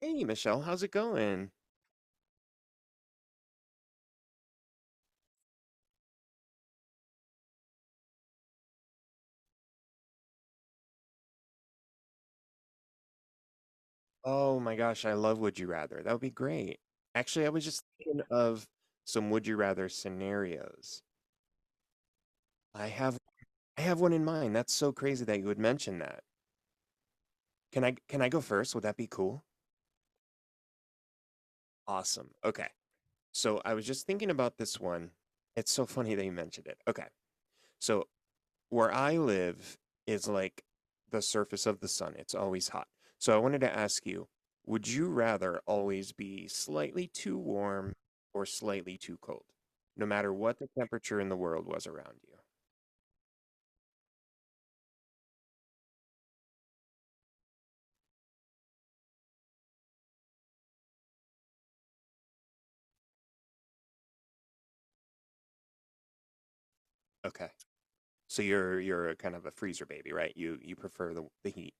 Hey, Michelle, how's it going? Oh my gosh, I love Would You Rather. That would be great. Actually, I was just thinking of some Would You Rather scenarios. I have I have one in mind. That's so crazy that you would mention that. Can I go first? Would that be cool? Awesome. Okay. So I was just thinking about this one. It's so funny that you mentioned it. Okay. So where I live is like the surface of the sun. It's always hot. So I wanted to ask you, would you rather always be slightly too warm or slightly too cold, no matter what the temperature in the world was around you? Okay. So you're a kind of a freezer baby, right? You prefer the heat.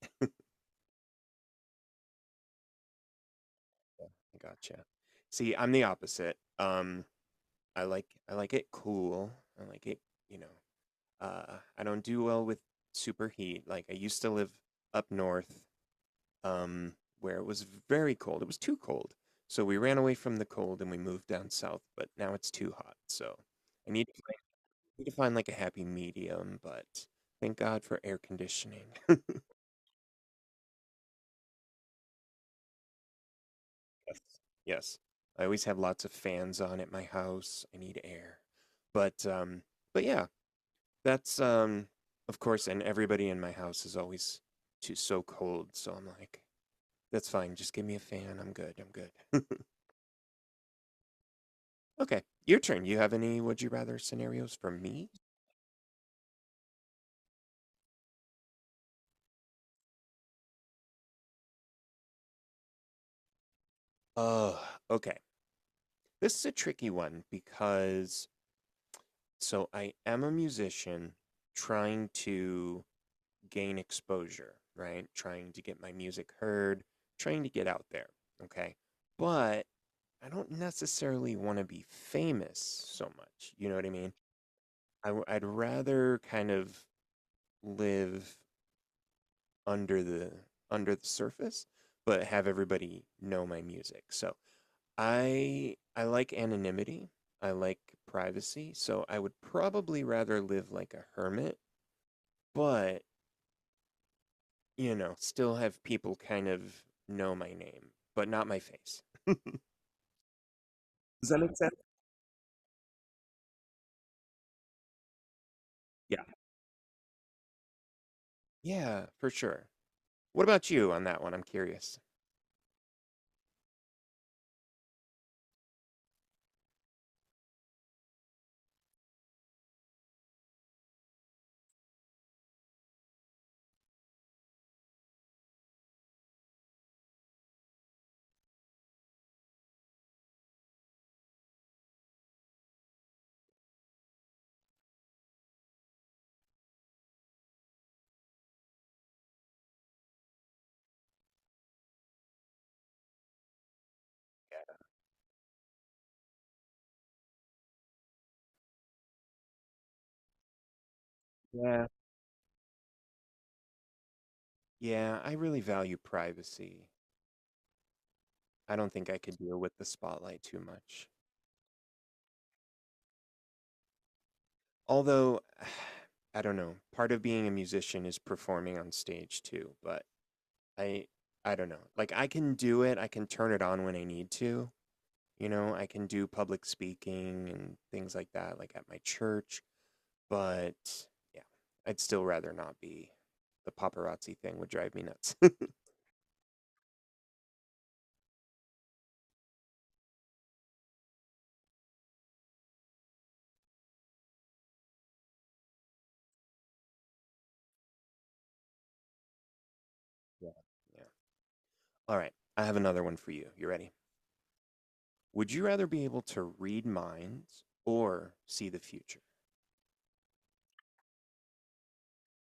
Gotcha. See, I'm the opposite. I like it cool. I like it, you know. I don't do well with super heat. Like I used to live up north, um, where it was very cold. It was too cold. So we ran away from the cold and we moved down south, but now it's too hot. So I need to find like a happy medium, but thank God for air conditioning. Yes. Yes. I always have lots of fans on at my house. I need air. But um but yeah, that's of course, and everybody in my house is always too so cold, so I'm like, that's fine, just give me a fan. I'm good. I'm good. Okay. Your turn. You have any would you rather scenarios for me? Oh, okay. This is a tricky one because so I am a musician trying to gain exposure, right? Trying to get my music heard, trying to get out there, okay? But I don't necessarily want to be famous so much. You know what I mean? I'd rather kind of live under the under the surface, but have everybody know my music. So I like anonymity. I like privacy, so I would probably rather live like a hermit, but you know, still have people kind of know my name, but not my face. Does that make sense? Yeah. Yeah, for sure. What about you on that one? I'm curious. Yeah. Yeah, I really value privacy. I don't think I could deal with the spotlight too much. Although, I don't know, part of being a musician is performing on stage too, but I I don't know. Like I can do it, I can turn it on when I need to. You know, I can do public speaking and things like that, like at my church. But yeah, I'd still rather not be. The paparazzi thing would drive me nuts. Yeah. Yeah. All right. I have another one for you. You ready? Would you rather be able to read minds or see the future?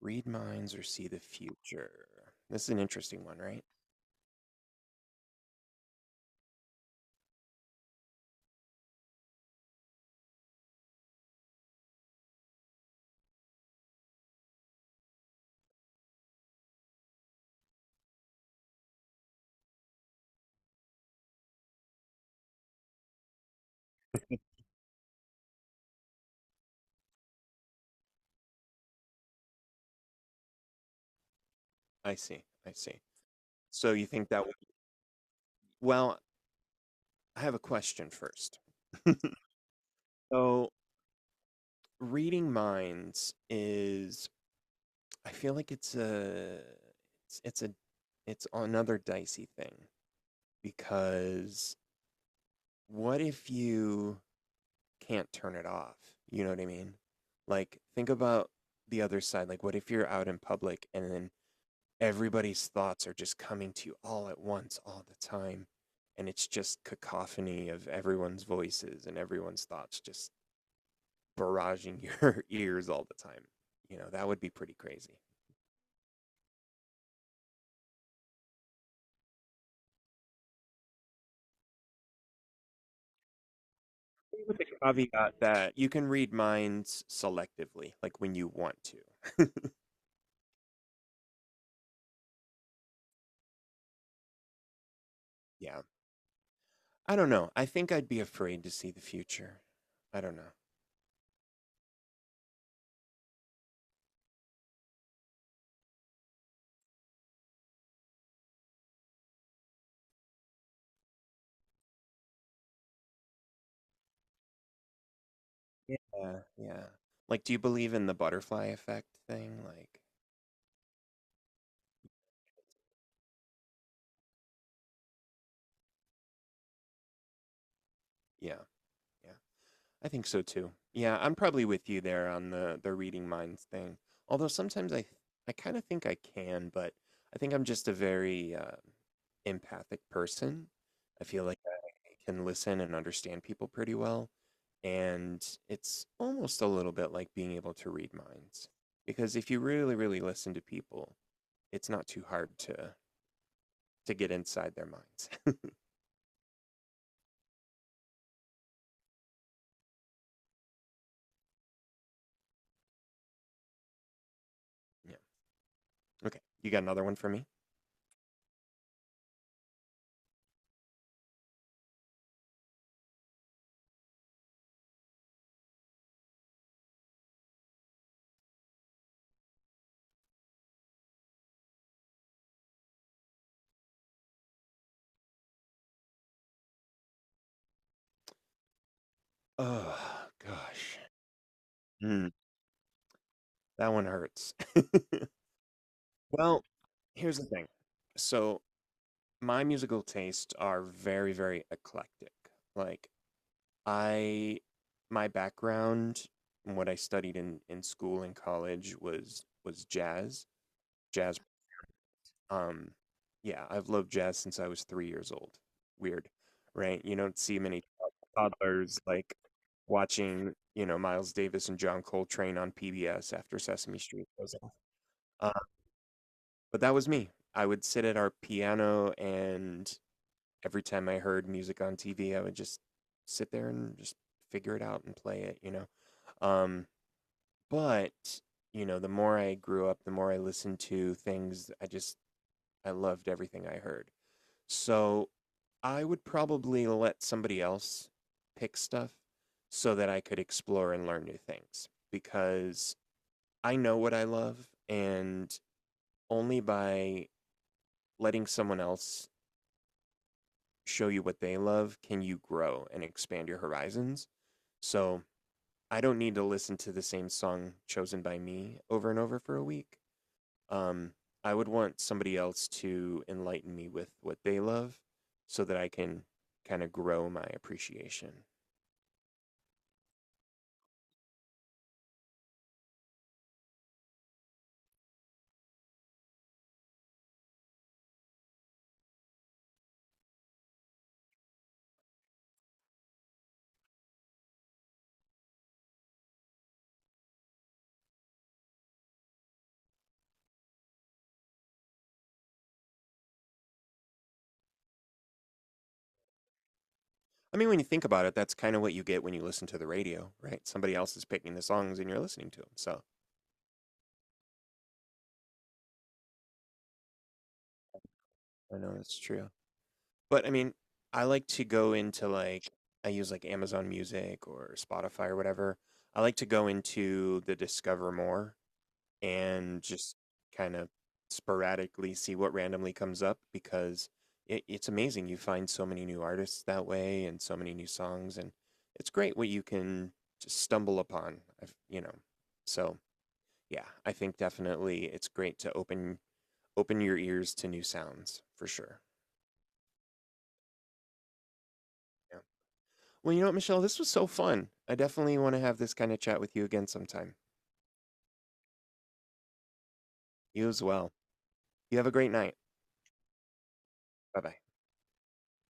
Read minds or see the future? This is an interesting one, right? I see. I see. So you think that would, well, I have a question first. So reading minds is, I feel like it's, it's a, it's another dicey thing because what if you can't turn it off? You know what I mean? Like, think about the other side. Like, what if you're out in public and then everybody's thoughts are just coming to you all at once, all the time? And it's just cacophony of everyone's voices and everyone's thoughts just barraging your ears all the time. You know, that would be pretty crazy. With the caveat that you can read minds selectively, like when you want to. Yeah. I don't know. I think I'd be afraid to see the future. I don't know. Yeah. Yeah, yeah. Like, do you believe in the butterfly effect thing? Like, yeah, yeah. I think so too. Yeah, I'm probably with you there on the reading minds thing. Although sometimes I kind of think I can, but I think I'm just a very empathic person. I feel like I can listen and understand people pretty well, and it's almost a little bit like being able to read minds. Because if you really, really listen to people, it's not too hard to get inside their minds. Yeah. Okay. You got another one for me? Oh gosh. That one hurts. Well, here's the thing. So, my musical tastes are very, very eclectic. Like, I, my background and what I studied in school and college was jazz. Jazz, um, yeah, I've loved jazz since I was 3 years old. Weird, right? You don't see many toddlers like watching, you know, Miles Davis and John Coltrane on PBS after Sesame Street goes off. But that was me. I would sit at our piano, and every time I heard music on TV, I would just sit there and just figure it out and play it, you know? Um, but, you know, the more I grew up, the more I listened to things, I loved everything I heard. So I would probably let somebody else pick stuff so that I could explore and learn new things because I know what I love, and only by letting someone else show you what they love, can you grow and expand your horizons? So I don't need to listen to the same song chosen by me over and over for a week. Um, I would want somebody else to enlighten me with what they love so that I can kind of grow my appreciation. I mean, when you think about it, that's kind of what you get when you listen to the radio, right? Somebody else is picking the songs and you're listening to them. So I know that's true. But I mean, I like to go into like I use like Amazon Music or Spotify or whatever. I like to go into the Discover More and just kind of sporadically see what randomly comes up because it's amazing. You find so many new artists that way and so many new songs, and it's great what you can just stumble upon. I've, you know, so yeah, I think definitely it's great to open your ears to new sounds for sure. Yeah. Well, you know what, Michelle? This was so fun. I definitely want to have this kind of chat with you again sometime. You as well. You have a great night. Bye bye.